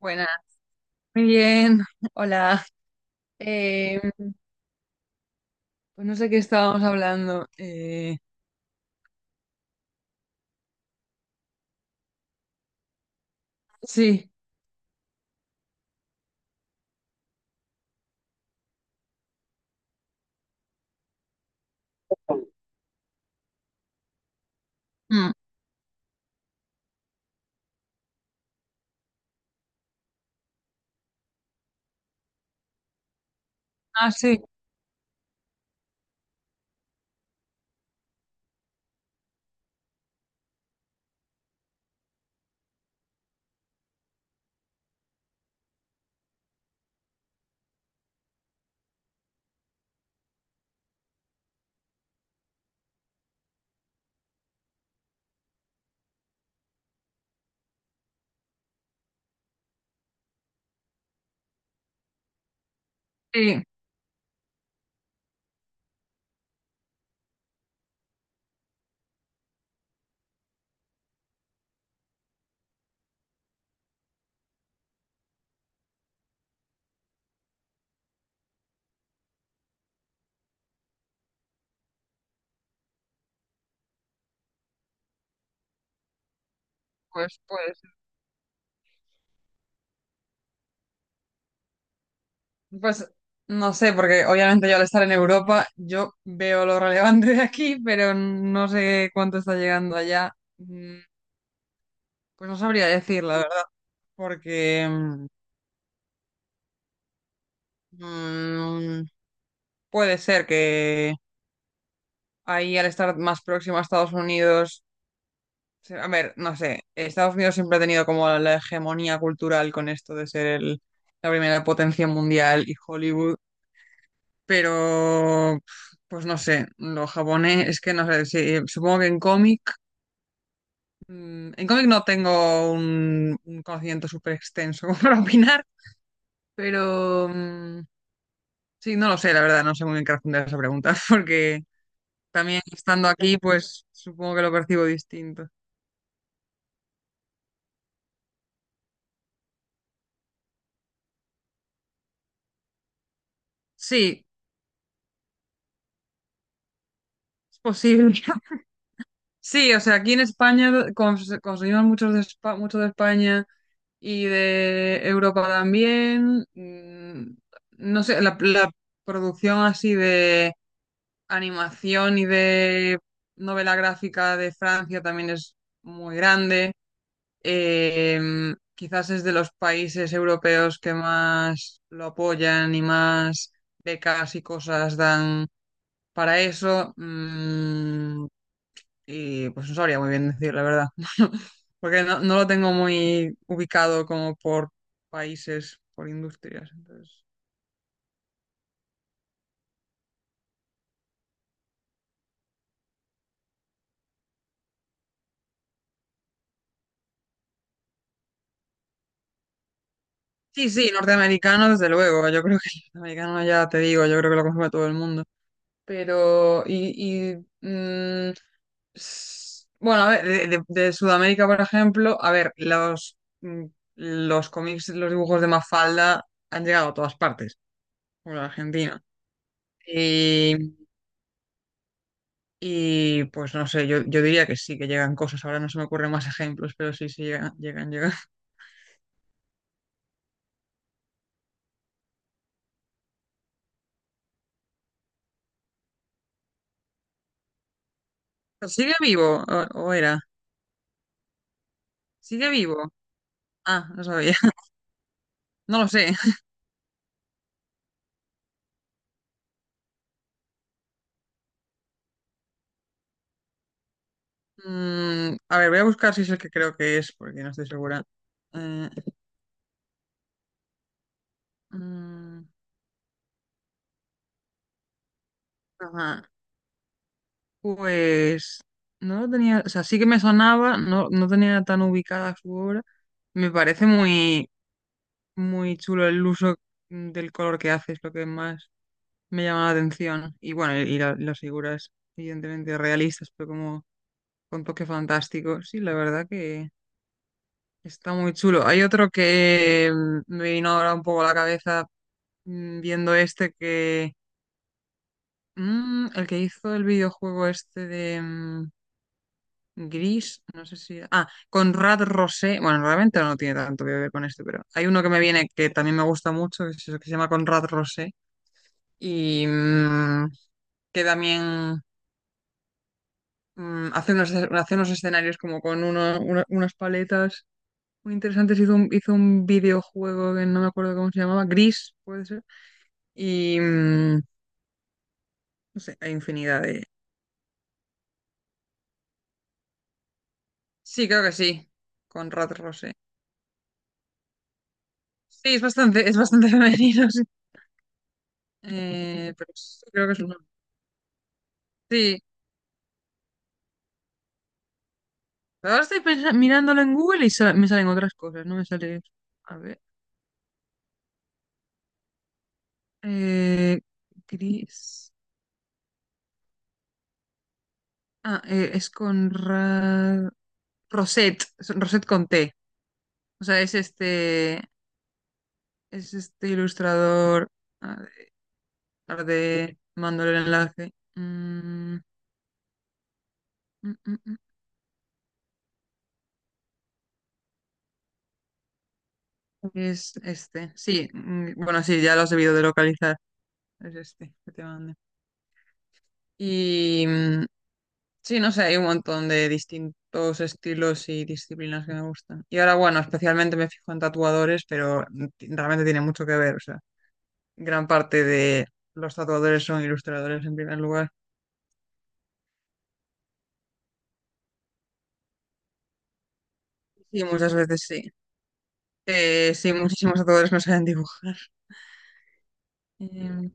Buenas, muy bien, hola. Eh, pues no sé qué estábamos hablando. Sí. Mm. Ah, sí, sí. Pues, pues, pues no sé, porque obviamente yo al estar en Europa, yo veo lo relevante de aquí, pero no sé cuánto está llegando allá. Mm. Pues no sabría decir, la verdad, porque mm, puede ser que ahí al estar más próximo a Estados Unidos. Sí. A ver, no sé, Estados Unidos siempre ha tenido como la hegemonía cultural con esto de ser el- la primera potencia mundial y Hollywood, pero pues no sé, los japonés es que no sé, sí, supongo que en cómic. En cómic no tengo un conocimiento súper extenso para opinar, pero sí, no lo sé, la verdad, no sé muy bien qué responder a esa pregunta, porque también estando aquí, pues supongo que lo percibo distinto. Sí, es posible. Sí, o sea, aquí en España cons- consumimos muchos de Espa- mucho de España y de Europa también. Mm. No sé, la producción así de animación y de novela gráfica de Francia también es muy grande. Eh, Quizás es de los países europeos que más lo apoyan y más becas y cosas dan para eso. Mm. Y pues no sabría muy bien decir la verdad, porque no lo tengo muy ubicado como por países, por industrias. Entonces... Sí, sí, norteamericano, desde luego. Yo creo que el norteamericano ya te digo, yo creo que lo consume todo el mundo. Pero, mm, s- bueno, a ver, de Sudamérica, por ejemplo, a ver, los, los cómics, los dibujos de Mafalda han llegado a todas partes, por Argentina. Y pues no sé, yo diría que sí, que llegan cosas. Ahora no se me ocurren más ejemplos, pero sí, sí, llegan, llegan, llegan. ¿Sigue vivo? O era? ¿Sigue vivo? Ah, no sabía. No lo sé. Mm, a ver, voy a buscar si es el que creo que es, porque no estoy segura. Eh, mm, ajá. Pues no lo tenía, o sea, sí que me sonaba, no, no tenía tan ubicada su obra. Me parece muy, muy chulo el uso del color que hace, es lo que más me llama la atención. Y bueno, la- las figuras, evidentemente realistas, pero como con toque fantástico. Sí, la verdad que está muy chulo. Hay otro que me vino ahora un poco a la cabeza viendo este que. El que hizo el videojuego este de Gris, no sé si. Ah, Conrad Rosé. Bueno, realmente no tiene tanto que ver con este, pero hay uno que me viene que también me gusta mucho, que se llama Conrad Rosé. Y que también. Hace unos, hace unos escenarios como con uno- una- unas paletas muy interesantes. Hizo un videojuego que no me acuerdo cómo se llamaba, Gris, puede ser. Y no sé, hay infinidad de. Sí, creo que sí, con Rat Rose. Sí, es bastante femenino, sí. Pero sí, creo que es uno. Sí, ahora estoy pensa- mirándolo en Google y sa- me salen otras cosas, no me sale. A ver. Eh, Gris. Ah, es con Ra- Rosette, es Rosette con T. O sea, es este ilustrador. A ver, tarde mando el enlace. Mm. Es este. Sí, bueno, sí, ya lo has debido de localizar. Es este que te mandé. Y sí, no sé, hay un montón de distintos estilos y disciplinas que me gustan. Y ahora, bueno, especialmente me fijo en tatuadores, pero ti- realmente tiene mucho que ver. O sea, gran parte de los tatuadores son ilustradores en primer lugar. Sí, muchas veces sí. Sí, muchísimos tatuadores no saben dibujar. Em,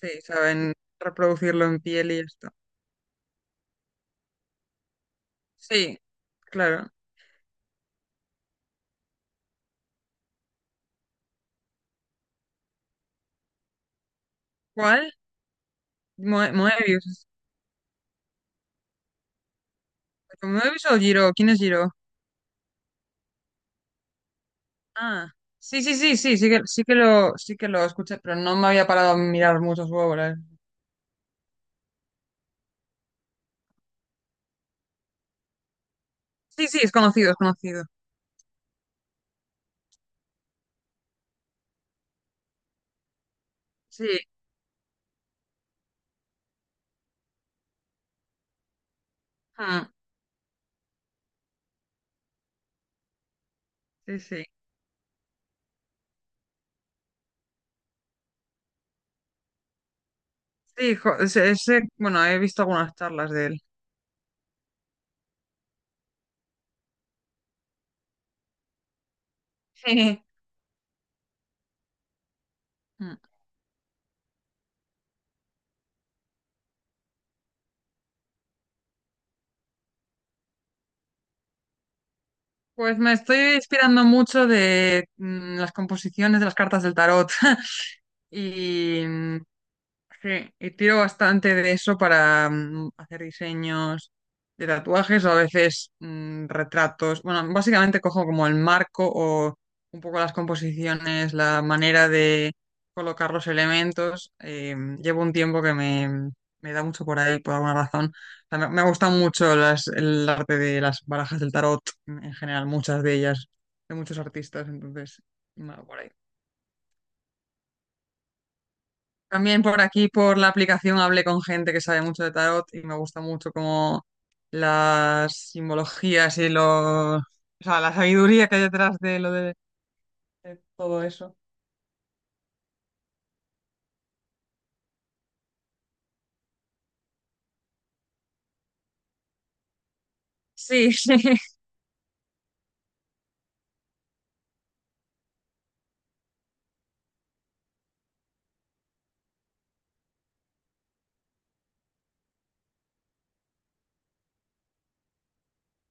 sí, saben reproducirlo en piel y ya está. Sí, claro. ¿Cuál? Moe- Moebius. ¿Moebius o Giro? ¿Quién es Giro? Ah, sí, sí, sí, sí, sí que lo escuché, pero no me había parado a mirar mucho su obra. Sí, sí, es conocido, es conocido. Sí, ah, sí, sí. Sí, jo- ese- ese, bueno, he visto algunas charlas de él. Sí. Pues me estoy inspirando mucho de las composiciones de las cartas del tarot. Y, mm, Sí, y tiro bastante de eso para hacer diseños de tatuajes o a veces retratos. Bueno, básicamente cojo como el marco o un poco las composiciones, la manera de colocar los elementos. Llevo un tiempo que me da mucho por ahí, por alguna razón. O sea, me gustan mucho las, el arte de las barajas del tarot, en general, muchas de ellas, de muchos artistas, entonces, me va por ahí. También por aquí, por la aplicación, hablé con gente que sabe mucho de tarot y me gusta mucho como las simbologías y los, o sea, la sabiduría que hay detrás de lo de todo eso. Sí, sí.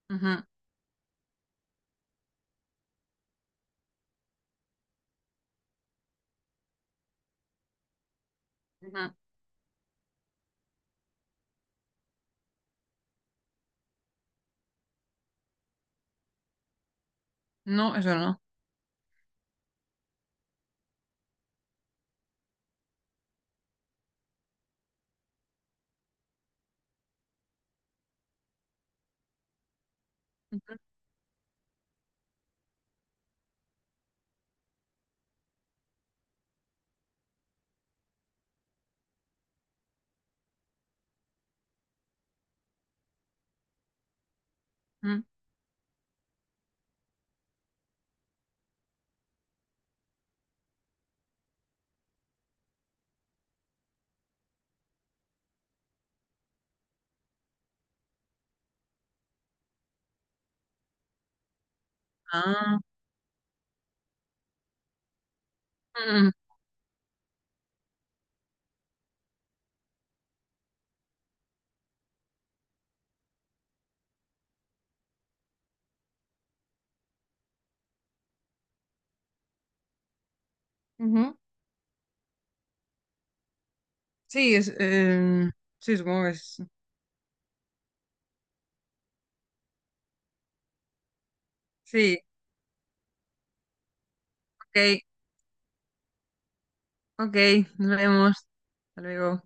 Ujú, ujú. No, eso no. Mm. Ah, mm, ujú. Sí, es, sí, supongo que es. Sí, ok, ok, nos vemos. Hasta luego.